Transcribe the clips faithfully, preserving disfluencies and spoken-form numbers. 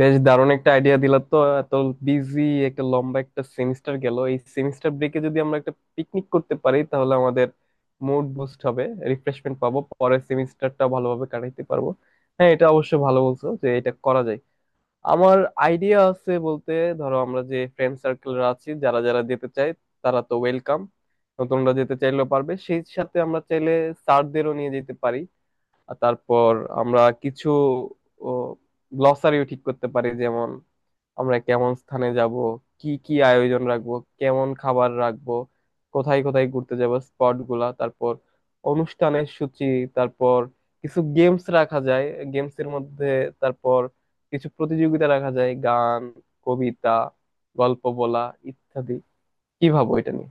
বেশ দারুণ একটা আইডিয়া দিলা। তো এত বিজি, একটা লম্বা একটা সেমিস্টার গেল, এই সেমিস্টার ব্রেকে যদি আমরা একটা পিকনিক করতে পারি তাহলে আমাদের মুড বুস্ট হবে, রিফ্রেশমেন্ট পাবো, পরের সেমিস্টারটা ভালোভাবে কাটাইতে পারবো। হ্যাঁ, এটা অবশ্য ভালো বলছো যে এটা করা যায়। আমার আইডিয়া আছে বলতে, ধরো আমরা যে ফ্রেন্ড সার্কেলরা আছি যারা যারা যেতে চায় তারা তো ওয়েলকাম, নতুনরা যেতে চাইলেও পারবে, সেই সাথে আমরা চাইলে স্যারদেরও নিয়ে যেতে পারি। আর তারপর আমরা কিছু গ্লসারিও ঠিক করতে পারি, যেমন আমরা কেমন স্থানে যাব, কি কি আয়োজন রাখবো, কেমন খাবার রাখবো, কোথায় কোথায় ঘুরতে যাব স্পট গুলা, তারপর অনুষ্ঠানের সূচি, তারপর কিছু গেমস রাখা যায়, গেমস এর মধ্যে তারপর কিছু প্রতিযোগিতা রাখা যায়, গান, কবিতা, গল্প বলা ইত্যাদি। কি ভাবো এটা নিয়ে?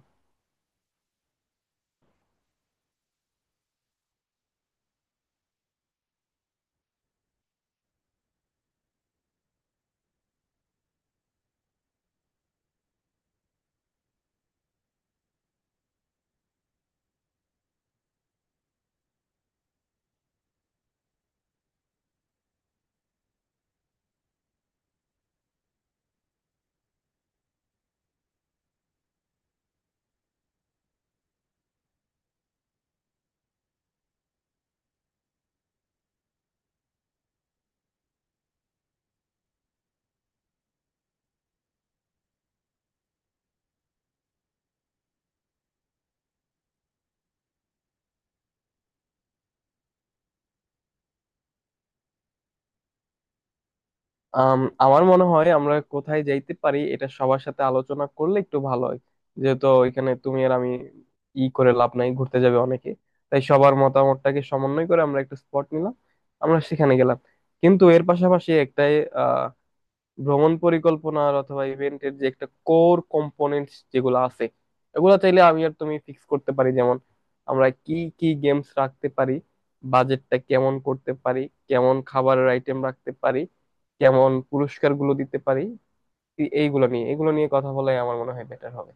আম, আমার মনে হয় আমরা কোথায় যাইতে পারি এটা সবার সাথে আলোচনা করলে একটু ভালো হয়। যেহেতু এখানে তুমি আর আমি ই করে লাভ নাই, ঘুরতে যাবে অনেকে। তাই সবার মতামতটাকে সমন্বয় করে আমরা একটা স্পট নিলাম, আমরা সেখানে গেলাম। কিন্তু এর পাশাপাশি একটা ভ্রমণ পরিকল্পনার অথবা ইভেন্টের যে একটা কোর কম্পোনেন্ট যেগুলো আছে এগুলো চাইলে আমি আর তুমি ফিক্স করতে পারি। যেমন আমরা কি কি গেমস রাখতে পারি, বাজেটটা কেমন করতে পারি, কেমন খাবারের আইটেম রাখতে পারি, কেমন পুরস্কারগুলো দিতে পারি, এই- এইগুলো নিয়ে এগুলো নিয়ে কথা বলাই আমার মনে হয় বেটার হবে।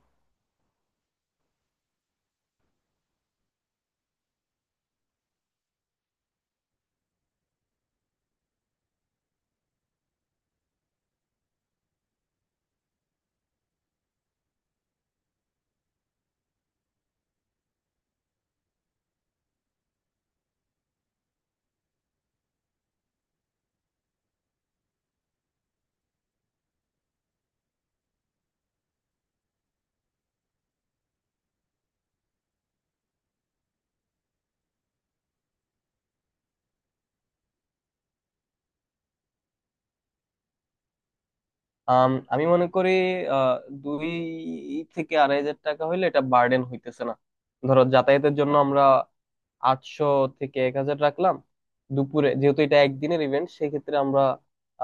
আম, আমি মনে করি আহ, দুই থেকে আড়াই হাজার টাকা হইলে এটা বার্ডেন হইতেছে না। ধরো যাতায়াতের জন্য আমরা আটশো থেকে এক হাজার রাখলাম। দুপুরে যেহেতু এটা একদিনের ইভেন্ট, সেক্ষেত্রে আমরা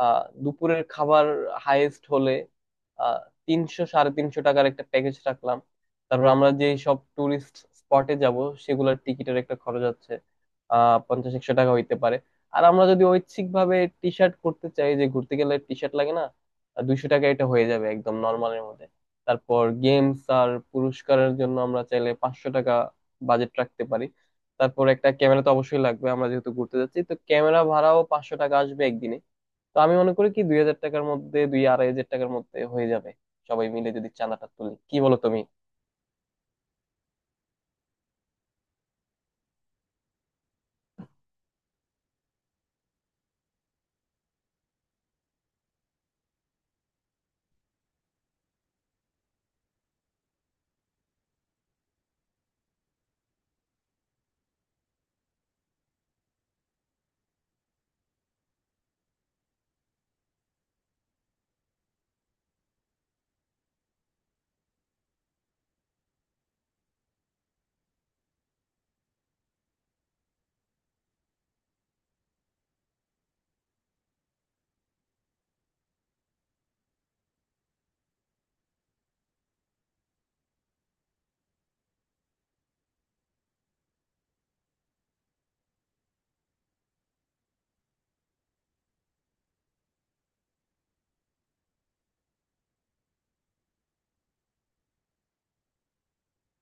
আহ দুপুরের খাবার হাইয়েস্ট হলে আহ তিনশো সাড়ে তিনশো টাকার একটা প্যাকেজ রাখলাম। তারপর আমরা যে সব টুরিস্ট স্পটে যাব সেগুলোর টিকিটের একটা খরচ আছে, আহ পঞ্চাশ একশো টাকা হইতে পারে। আর আমরা যদি ঐচ্ছিক ভাবে টি শার্ট করতে চাই, যে ঘুরতে গেলে টি শার্ট লাগে না, দুইশো টাকা এটা হয়ে যাবে একদম নর্মালের মধ্যে। তারপর গেমস আর পুরস্কারের জন্য আমরা চাইলে পাঁচশো টাকা বাজেট রাখতে পারি। তারপর একটা ক্যামেরা তো অবশ্যই লাগবে, আমরা যেহেতু ঘুরতে যাচ্ছি তো ক্যামেরা ভাড়াও পাঁচশো টাকা আসবে একদিনে। তো আমি মনে করি কি দুই হাজার টাকার মধ্যে, দুই আড়াই হাজার টাকার মধ্যে হয়ে যাবে সবাই মিলে যদি চাঁদাটা তুলি। কি বলো তুমি?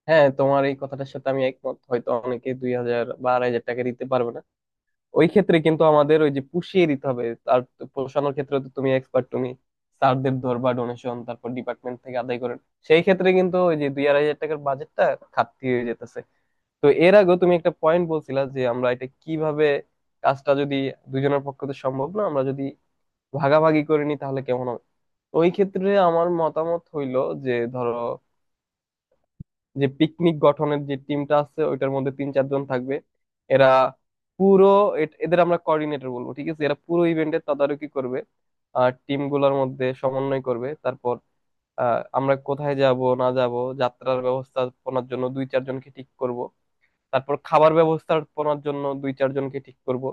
হ্যাঁ, তোমার এই কথাটার সাথে আমি একমত, হয়তো অনেকে দুই হাজার বা আড়াই হাজার টাকা দিতে পারবে না। ওই ক্ষেত্রে কিন্তু আমাদের ওই যে পুষিয়ে দিতে হবে। আর পোষানোর ক্ষেত্রে তো তুমি এক্সপার্ট, তুমি স্যারদের ধরবা ডোনেশন, তারপর ডিপার্টমেন্ট থেকে আদায় করেন। সেই ক্ষেত্রে কিন্তু ওই যে দুই আড়াই হাজার টাকার বাজেটটা ঘাটতি হয়ে যেতেছে। তো এর আগেও তুমি একটা পয়েন্ট বলছিলা যে আমরা এটা কিভাবে কাজটা যদি, দুজনের পক্ষে তো সম্ভব না, আমরা যদি ভাগাভাগি করে নিই তাহলে কেমন হবে। ওই ক্ষেত্রে আমার মতামত হইলো যে, ধরো, যে পিকনিক গঠনের যে টিমটা আছে ওইটার মধ্যে তিন চারজন থাকবে, এরা পুরো, এট- এদের আমরা কোঅর্ডিনেটর বলবো, ঠিক আছে, এরা পুরো ইভেন্টের তদারকি করবে আর টিম গুলার মধ্যে সমন্বয় করবে। তারপর আহ, আমরা কোথায় যাব না যাব, যাত্রার ব্যবস্থাপনার জন্য দুই চারজনকে ঠিক করব। তারপর খাবার ব্যবস্থাপনার জন্য দুই চারজনকে ঠিক করব।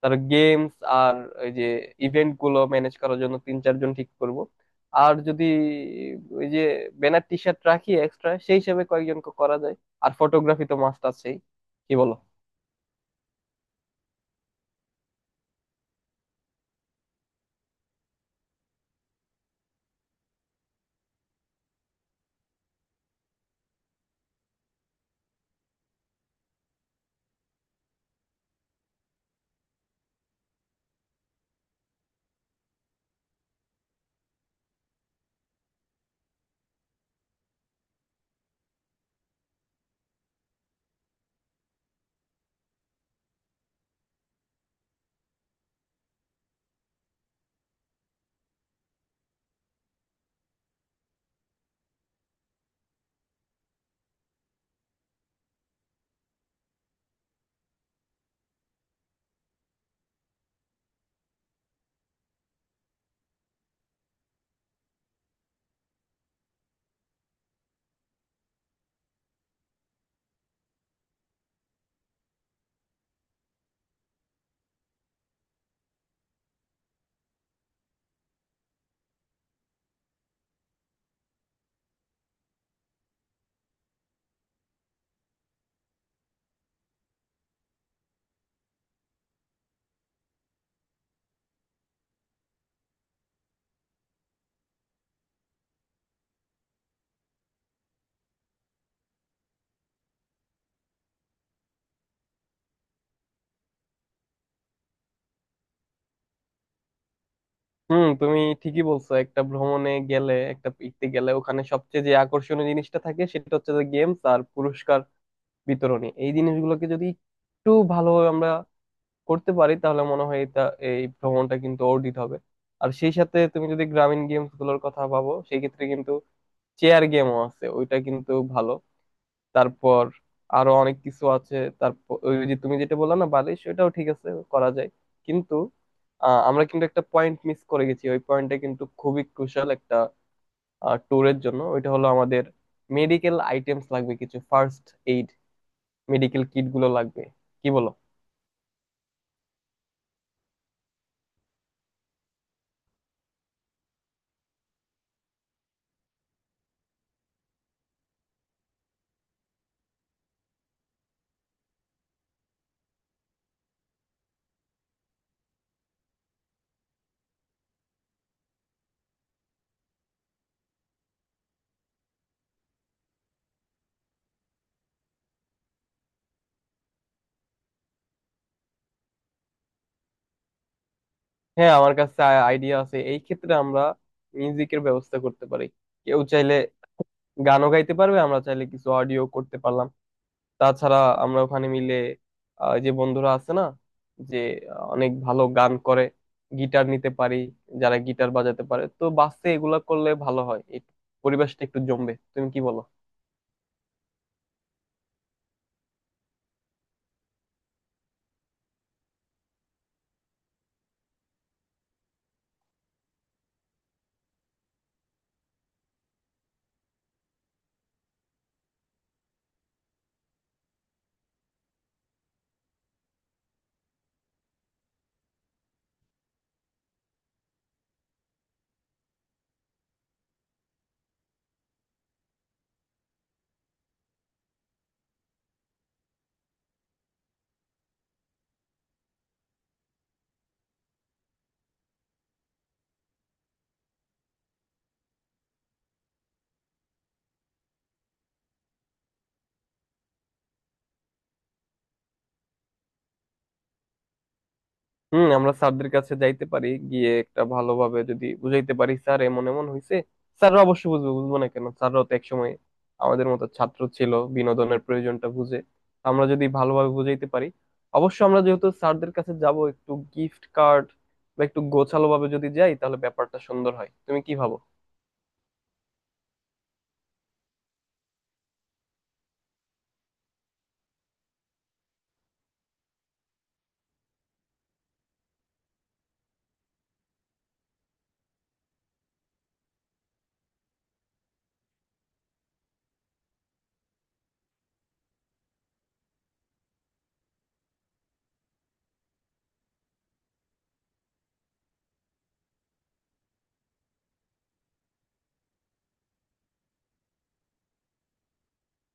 তার গেমস আর ওই যে ইভেন্ট গুলো ম্যানেজ করার জন্য তিন চারজন ঠিক করব। আর যদি ওই যে ব্যানার টি শার্ট রাখি এক্সট্রা, সেই হিসেবে কয়েকজনকে করা যায়। আর ফটোগ্রাফি তো মাস্ট আছেই। কি বলো? হুম, তুমি ঠিকই বলছো, একটা ভ্রমণে গেলে, একটা পিকতে গেলে ওখানে সবচেয়ে যে আকর্ষণীয় জিনিসটা থাকে সেটা হচ্ছে যে গেমস আর পুরস্কার বিতরণী। এই জিনিসগুলোকে যদি একটু ভালোভাবে আমরা করতে পারি তাহলে মনে হয় এটা, এই ভ্রমণটা কিন্তু অর্জিত হবে। আর সেই সাথে তুমি যদি গ্রামীণ গেমস গুলোর কথা ভাবো, সেই ক্ষেত্রে কিন্তু চেয়ার গেমও আছে, ওইটা কিন্তু ভালো। তারপর আরো অনেক কিছু আছে। তারপর ওই যে তুমি যেটা বললা না, বালিশ, ওইটাও ঠিক আছে, করা যায়। কিন্তু আহ, আমরা কিন্তু একটা পয়েন্ট মিস করে গেছি। ওই পয়েন্টটা কিন্তু খুবই ক্রুশাল একটা ট্যুরের জন্য। ওইটা হলো আমাদের মেডিকেল আইটেমস লাগবে, কিছু ফার্স্ট এইড মেডিকেল কিট গুলো লাগবে। কি বলো? হ্যাঁ, আমার কাছে আইডিয়া আছে। এই ক্ষেত্রে আমরা মিউজিকের ব্যবস্থা করতে পারি, কেউ চাইলে গানও গাইতে পারবে, আমরা চাইলে কিছু অডিও করতে পারলাম। তাছাড়া আমরা ওখানে মিলে, আহ, যে বন্ধুরা আছে না, যে আহ, অনেক ভালো গান করে, গিটার নিতে পারি, যারা গিটার বাজাতে পারে, তো বাসে এগুলা করলে ভালো হয়, এই পরিবেশটা একটু জমবে। তুমি কি বলো? হুম, আমরা স্যারদের কাছে যাইতে পারি, গিয়ে একটা ভালোভাবে যদি বুঝাইতে পারি স্যার এমন এমন হয়েছে, স্যাররা অবশ্যই বুঝবে। বুঝবো না কেন, স্যাররাও তো একসময় আমাদের মতো ছাত্র ছিল, বিনোদনের প্রয়োজনটা বুঝে। আমরা যদি ভালোভাবে বুঝাইতে পারি, অবশ্য আমরা যেহেতু স্যারদের কাছে যাব একটু গিফট কার্ড বা একটু গোছালো ভাবে যদি যাই তাহলে ব্যাপারটা সুন্দর হয়। তুমি কি ভাবো?